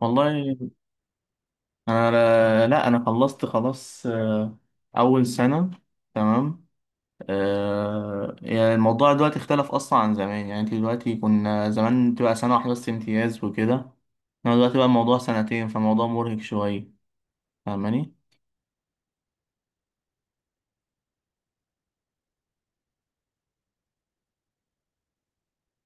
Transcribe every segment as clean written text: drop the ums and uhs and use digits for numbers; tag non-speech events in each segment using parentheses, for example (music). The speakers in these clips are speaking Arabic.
والله، انا لا لا، انا خلصت خلاص، اول سنه، تمام. يعني الموضوع دلوقتي اختلف اصلا عن زمان. يعني انت دلوقتي، كنا زمان بتبقى سنه واحده بس امتياز وكده، انا دلوقتي بقى الموضوع سنتين، فالموضوع مرهق شويه، فاهماني؟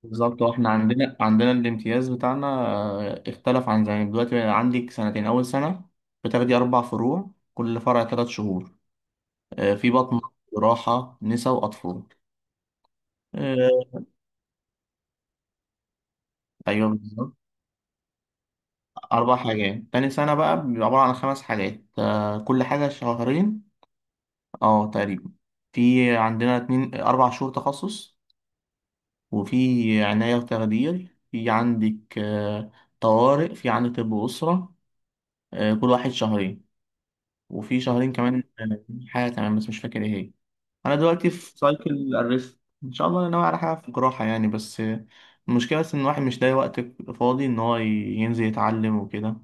بالظبط. واحنا عندنا الامتياز بتاعنا اختلف عن زمان. دلوقتي بقى عندك سنتين، اول سنه بتاخدي اربع فروع، كل فرع ثلاث شهور. في بطن، جراحه، نسا، واطفال. آه، ايوه بالظبط. أربع حاجات. تاني سنة بقى بيبقى عبارة عن خمس حاجات، كل حاجة شهرين. اه تقريبا، في عندنا اتنين أربع شهور تخصص، وفي عناية وتخدير، في عندك، طوارئ، في عندك طب أسرة، كل واحد شهرين. وفي شهرين كمان، حاجة كمان بس مش فاكر ايه هي. أنا دلوقتي في سايكل الريست، إن شاء الله أنا ناوي على حاجة في الجراحة يعني، بس المشكلة بس إن الواحد مش لاقي وقت فاضي إن هو ينزل يتعلم وكده.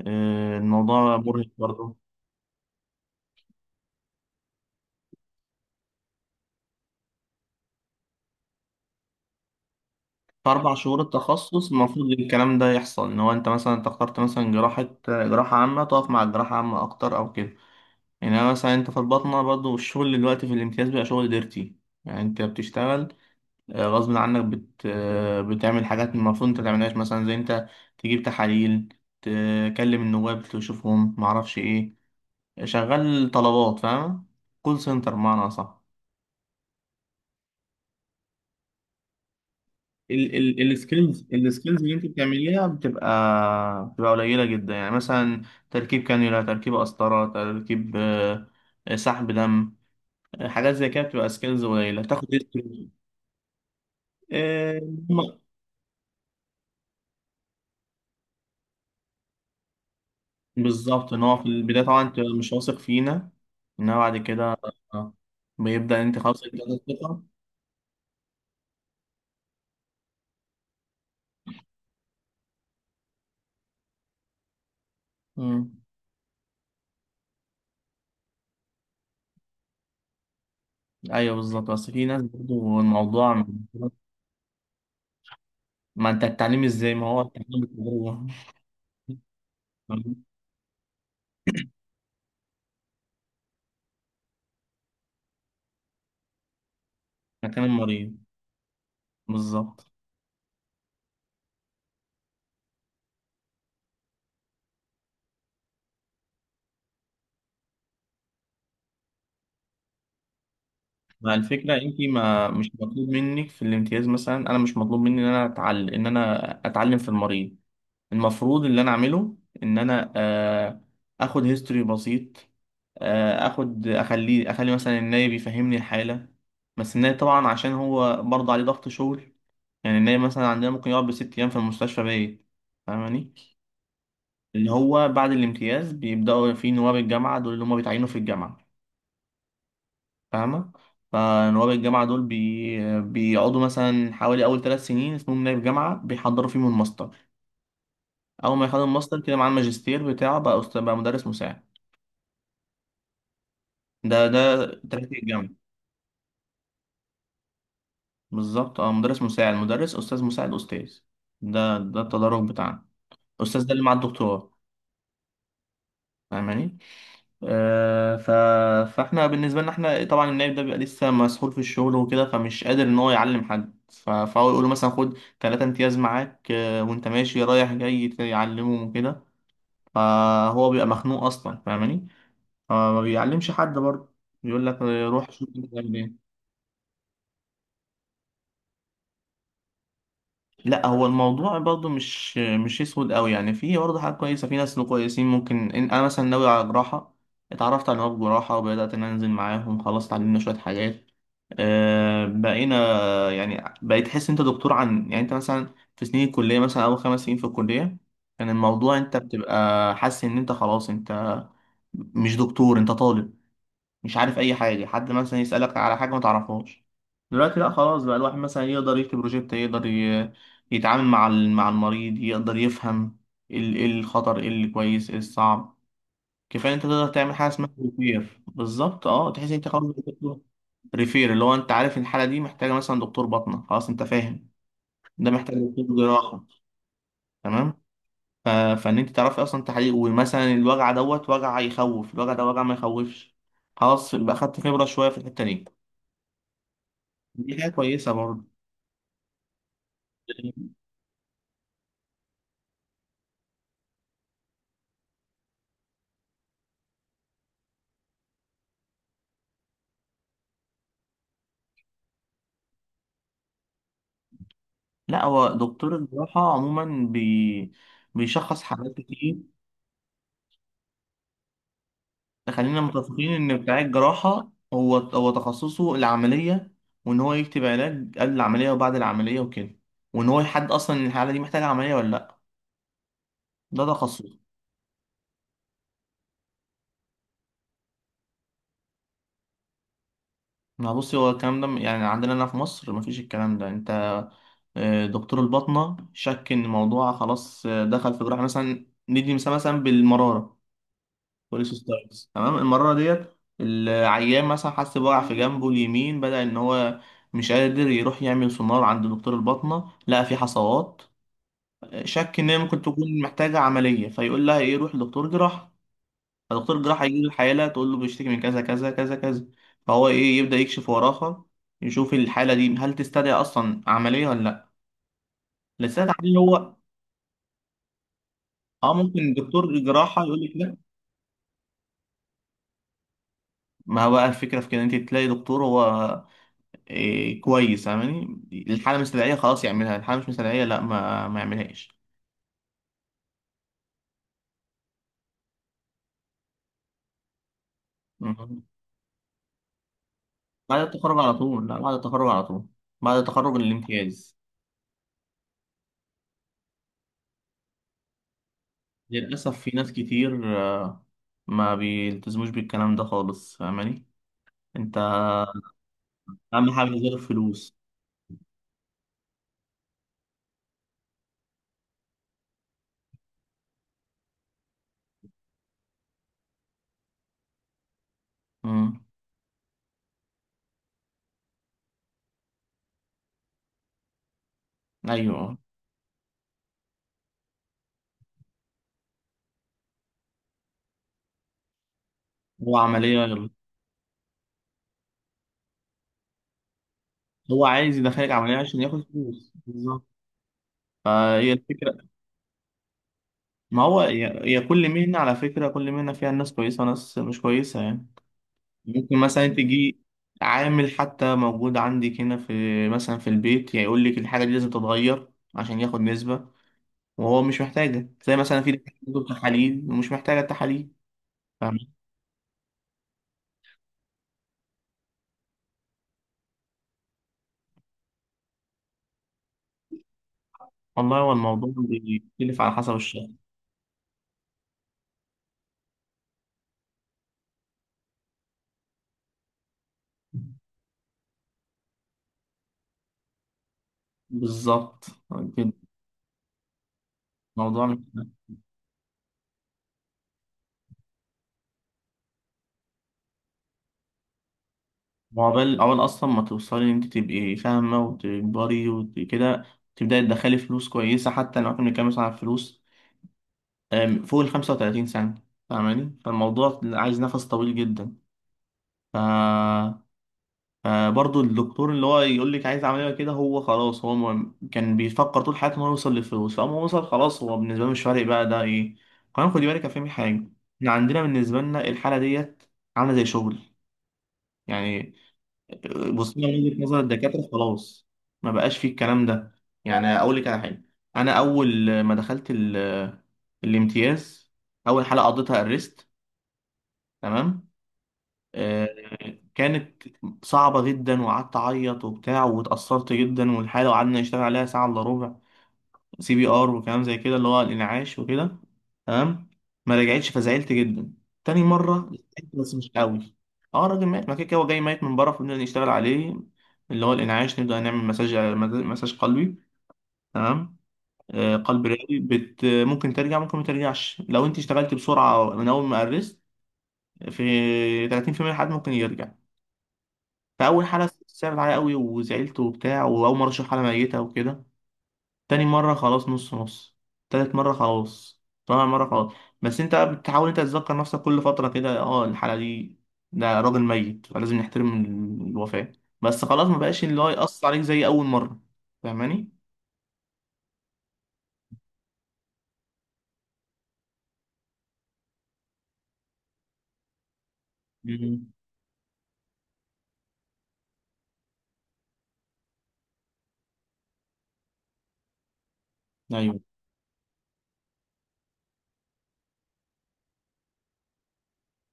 الموضوع مرهق برضه. في أربع شهور التخصص المفروض الكلام ده يحصل، إن هو أنت مثلا أنت اخترت مثلا جراحة عامة، تقف مع الجراحة عامة أكتر أو كده. يعني أنا مثلا، أنت في الباطنة برضه الشغل دلوقتي في الامتياز بقى شغل ديرتي. يعني أنت بتشتغل غصب عنك بت... آه، بتعمل حاجات المفروض أنت متعملهاش. مثلا زي أنت تجيب تحاليل، تكلم النواب، تشوفهم، معرفش إيه، شغال طلبات، فاهم؟ كول سنتر بمعنى أصح. ال ال السكيلز اللي انت بتعمليها بتبقى قليله جدا. يعني مثلا تركيب كانيولا، تركيب قسطره، تركيب آه، آه، سحب دم، حاجات زي كده، بتبقى سكيلز قليله، تاخد history. آه، هم- بالظبط، ان هو في البدايه طبعا انت مش واثق فينا، انما بعد كده آه، بيبدا انت خلاص انت عندك ثقه. مم. ايوه بالظبط، بس في ناس برضه الموضوع. ما انت التعليم ازاي؟ ما هو التعليم بالتجربه. (laughs) مكان المريض، بالظبط. مع الفكرة انت ما مش مطلوب منك في الامتياز، مثلا انا مش مطلوب مني ان انا اتعلم ان انا اتعلم في المريض. المفروض اللي انا اعمله ان انا اخد هيستوري بسيط، اخد، اخلي مثلا النايب يفهمني الحالة، بس النايب طبعا عشان هو برضه عليه ضغط شغل. يعني النايب مثلا عندنا ممكن يقعد بست ايام في المستشفى بايت، فاهماني؟ اللي هو بعد الامتياز بيبدأوا في نواب الجامعة، دول اللي هم بيتعينوا في الجامعة. فاهمة؟ فنواب الجامعة دول بيقعدوا مثلا حوالي أول ثلاث سنين اسمهم نائب جامعة، بيحضروا فيهم الماستر. أول ما يخلص الماستر كده مع الماجستير بتاعه، بقى أستاذ، بقى مدرس مساعد. ده تراك الجامعة. بالظبط، اه، مدرس مساعد، مدرس، أستاذ مساعد، أستاذ. ده التدرج بتاعنا. الأستاذ ده اللي مع الدكتوراه، فاهماني؟ آه، ف... فاحنا بالنسبه لنا، احنا طبعا النائب ده بيبقى لسه مسحول في الشغل وكده، فمش قادر ان هو يعلم حد. فهو يقول له مثلا خد ثلاثة امتياز معاك، وانت ماشي رايح جاي يعلمهم وكده. فهو بيبقى مخنوق اصلا، فاهماني؟ فما بيعلمش حد برضه، بيقول لك روح شوف انت بتعمل ايه. لا هو الموضوع برضه مش اسود قوي، يعني في برضه حاجات كويسه، في ناس كويسين. ممكن إن انا مثلا ناوي على جراحه، اتعرفت على نواب جراحه وبدات ان أنا انزل معاهم، خلاص اتعلمنا شويه حاجات، بقينا يعني بقيت تحس انت دكتور. عن يعني انت مثلا في سنين الكليه، مثلا اول خمس سنين في الكليه كان الموضوع انت بتبقى حاسس ان انت خلاص انت مش دكتور، انت طالب، مش عارف اي حاجه، حد مثلا يسالك على حاجه ما تعرفهاش. دلوقتي لا، خلاص بقى الواحد مثلا يقدر يكتب بروجكت، يقدر يتعامل مع مع المريض، يقدر يفهم ايه الخطر، ايه اللي كويس، ايه الصعب. كفايه انت تقدر تعمل حاجه اسمها ريفير، بالظبط، اه تحس ان انت خلاص. ريفير اللي هو انت عارف ان الحاله دي محتاجه مثلا دكتور باطنه، خلاص انت فاهم، ده محتاج دكتور جراحه. تمام. ف- فان انت تعرفي اصلا تحقيق، ومثلا الوجع دوت وجع يخوف، الوجع ده وجع ما يخوفش، خلاص يبقى اخدت خبره شويه في الحته دي. دي حاجة كويسة برضه. لا هو دكتور الجراحة عموما بيشخص حالات كتير. خلينا متفقين إن بتاع الجراحة هو تخصصه العملية، وإن هو يكتب علاج قبل العملية وبعد العملية وكده، وإن هو يحدد أصلا إن الحالة دي محتاجة عملية ولا لأ، ده تخصصه. ما بصي، هو الكلام ده يعني عندنا هنا في مصر مفيش الكلام ده. أنت دكتور الباطنة شك إن الموضوع خلاص، دخل في جراحة، مثلا ندي مثال مثلا بالمرارة، بوليس ستايلز، تمام. المرة ديت العيان مثلا حس بوجع في جنبه اليمين، بدأ إن هو مش قادر، يروح يعمل سونار عند دكتور الباطنة، لقى في حصوات، شك إن هي ممكن تكون محتاجة عملية، فيقول لها إيه روح لدكتور جراحة. فدكتور جراحة يجي الحالة تقول له بيشتكي من كذا كذا كذا كذا، فهو إيه يبدأ يكشف وراها، يشوف الحالة دي هل تستدعي أصلا عملية ولا لأ، لسه تحليل هو. اه ممكن دكتور جراحة يقول لك لا. ما هو بقى الفكرة في كده، انت تلاقي دكتور هو إيه كويس، فاهماني؟ الحالة مستدعية، خلاص يعملها، الحالة مش مستدعية، لا ما يعملهاش. مم. بعد التخرج على طول، لا بعد التخرج على طول، بعد التخرج الامتياز. للأسف في ناس كتير ما بيلتزموش بالكلام ده خالص، فاهماني؟ انت أهم حاجة غير الفلوس. مم. أيوه. هو عملية غير- هو عايز يدخلك عملية عشان ياخد فلوس، بالظبط، فهي الفكرة. ما هو هي كل مهنة، على فكرة كل مهنة فيها ناس كويسة وناس مش كويسة يعني. ممكن مثلا تجي عامل حتى موجود عندك هنا في، مثلا في البيت، يعني يقول لك الحاجة دي لازم تتغير عشان ياخد نسبة وهو مش محتاجة. زي مثلا في دكاترة بتطلب تحاليل ومش محتاجة التحاليل، فاهم؟ والله هو الموضوع بيختلف على حسب الشخص، بالظبط كده. الموضوع مش، وعقبال عقبال أصلا ما توصلي إن أنت تبقي فاهمة وتكبري وكده، تبدأي تدخلي فلوس كويسة، حتى لو إحنا بنتكلم مثلا عن فلوس، فوق ال 35 سنة، فاهماني؟ فالموضوع عايز نفس طويل جدا. ف... فبرضه الدكتور اللي هو يقول لك عايز عمليه كده، هو خلاص هو كان بيفكر طول حياته ان هو يوصل للفلوس، فاما هو وصل خلاص هو بالنسبه له مش فارق بقى ده ايه. كمان خدي بالك يا فهمي حاجه، احنا عندنا بالنسبه لنا الحاله ديت عامله زي شغل يعني. بصينا من وجهه نظر الدكاتره، خلاص ما بقاش فيه الكلام ده. يعني اقول لك على حاجه، انا اول ما دخلت الامتياز، اول حاله قضيتها الريست. تمام. آه، كانت صعبة جدا، وقعدت أعيط وبتاع، واتأثرت جدا، والحالة وقعدنا نشتغل عليها ساعة إلا ربع، سي بي آر وكلام زي كده اللي هو الإنعاش وكده. تمام. ما رجعتش، فزعلت جدا. تاني مرة زعلت بس مش قوي. اه الراجل مات، ما كده كده هو جاي ميت من بره، فبنبدأ نشتغل عليه، اللي هو الإنعاش، نبدأ نعمل مساج، مساج قلبي، تمام. قلب رئوي ممكن ترجع ممكن ما ترجعش، لو انت اشتغلت بسرعة من أول ما قرست. في 30% من الحالات ممكن يرجع. فاول حاله صعبت عليا قوي وزعلت وبتاع، واول مره اشوف حاله ميته وكده. تاني مره خلاص نص نص، تالت مره خلاص، رابع مره خلاص. بس انت بقى بتحاول انت تتذكر نفسك كل فتره كده، اه الحاله دي، ده راجل ميت فلازم نحترم الوفاه. بس خلاص ما بقاش اللي هو يأثر عليك زي اول مره، فاهماني؟ مم. ايوه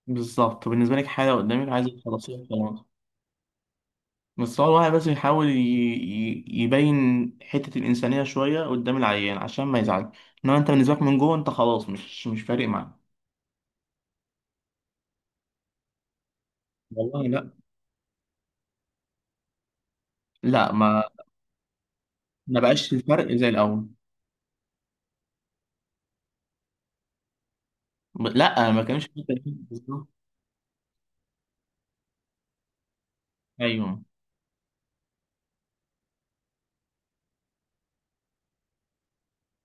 بالظبط، بالنسبه لك حاله قدامك عايزه تخلصيها، خلاص. بس هو الواحد بس يحاول يبين حتة الإنسانية شوية قدام العيان عشان ما يزعل. إنما أنت بالنسبة لك من جوه أنت خلاص مش فارق معاه. والله لا، لا، ما بقاش الفرق زي الأول. لا ما كانش في تأثير بالظبط. أيوه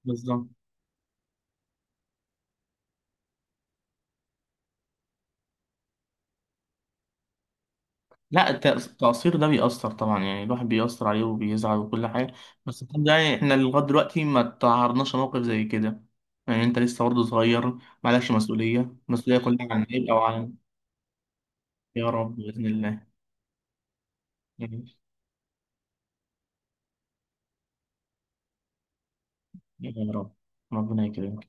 بالظبط. لا التقصير ده بيأثر طبعا، يعني الواحد بيأثر عليه وبيزعل وكل حاجة. بس الحمد لله يعني، إحنا لغاية دلوقتي ما تعرضناش لموقف زي كده. يعني أنت لسه برضه صغير، معلكش مسؤولية، المسؤولية كلها عن عيب أو عن، يا رب بإذن الله. يعني، يا رب، ربنا يكرمك.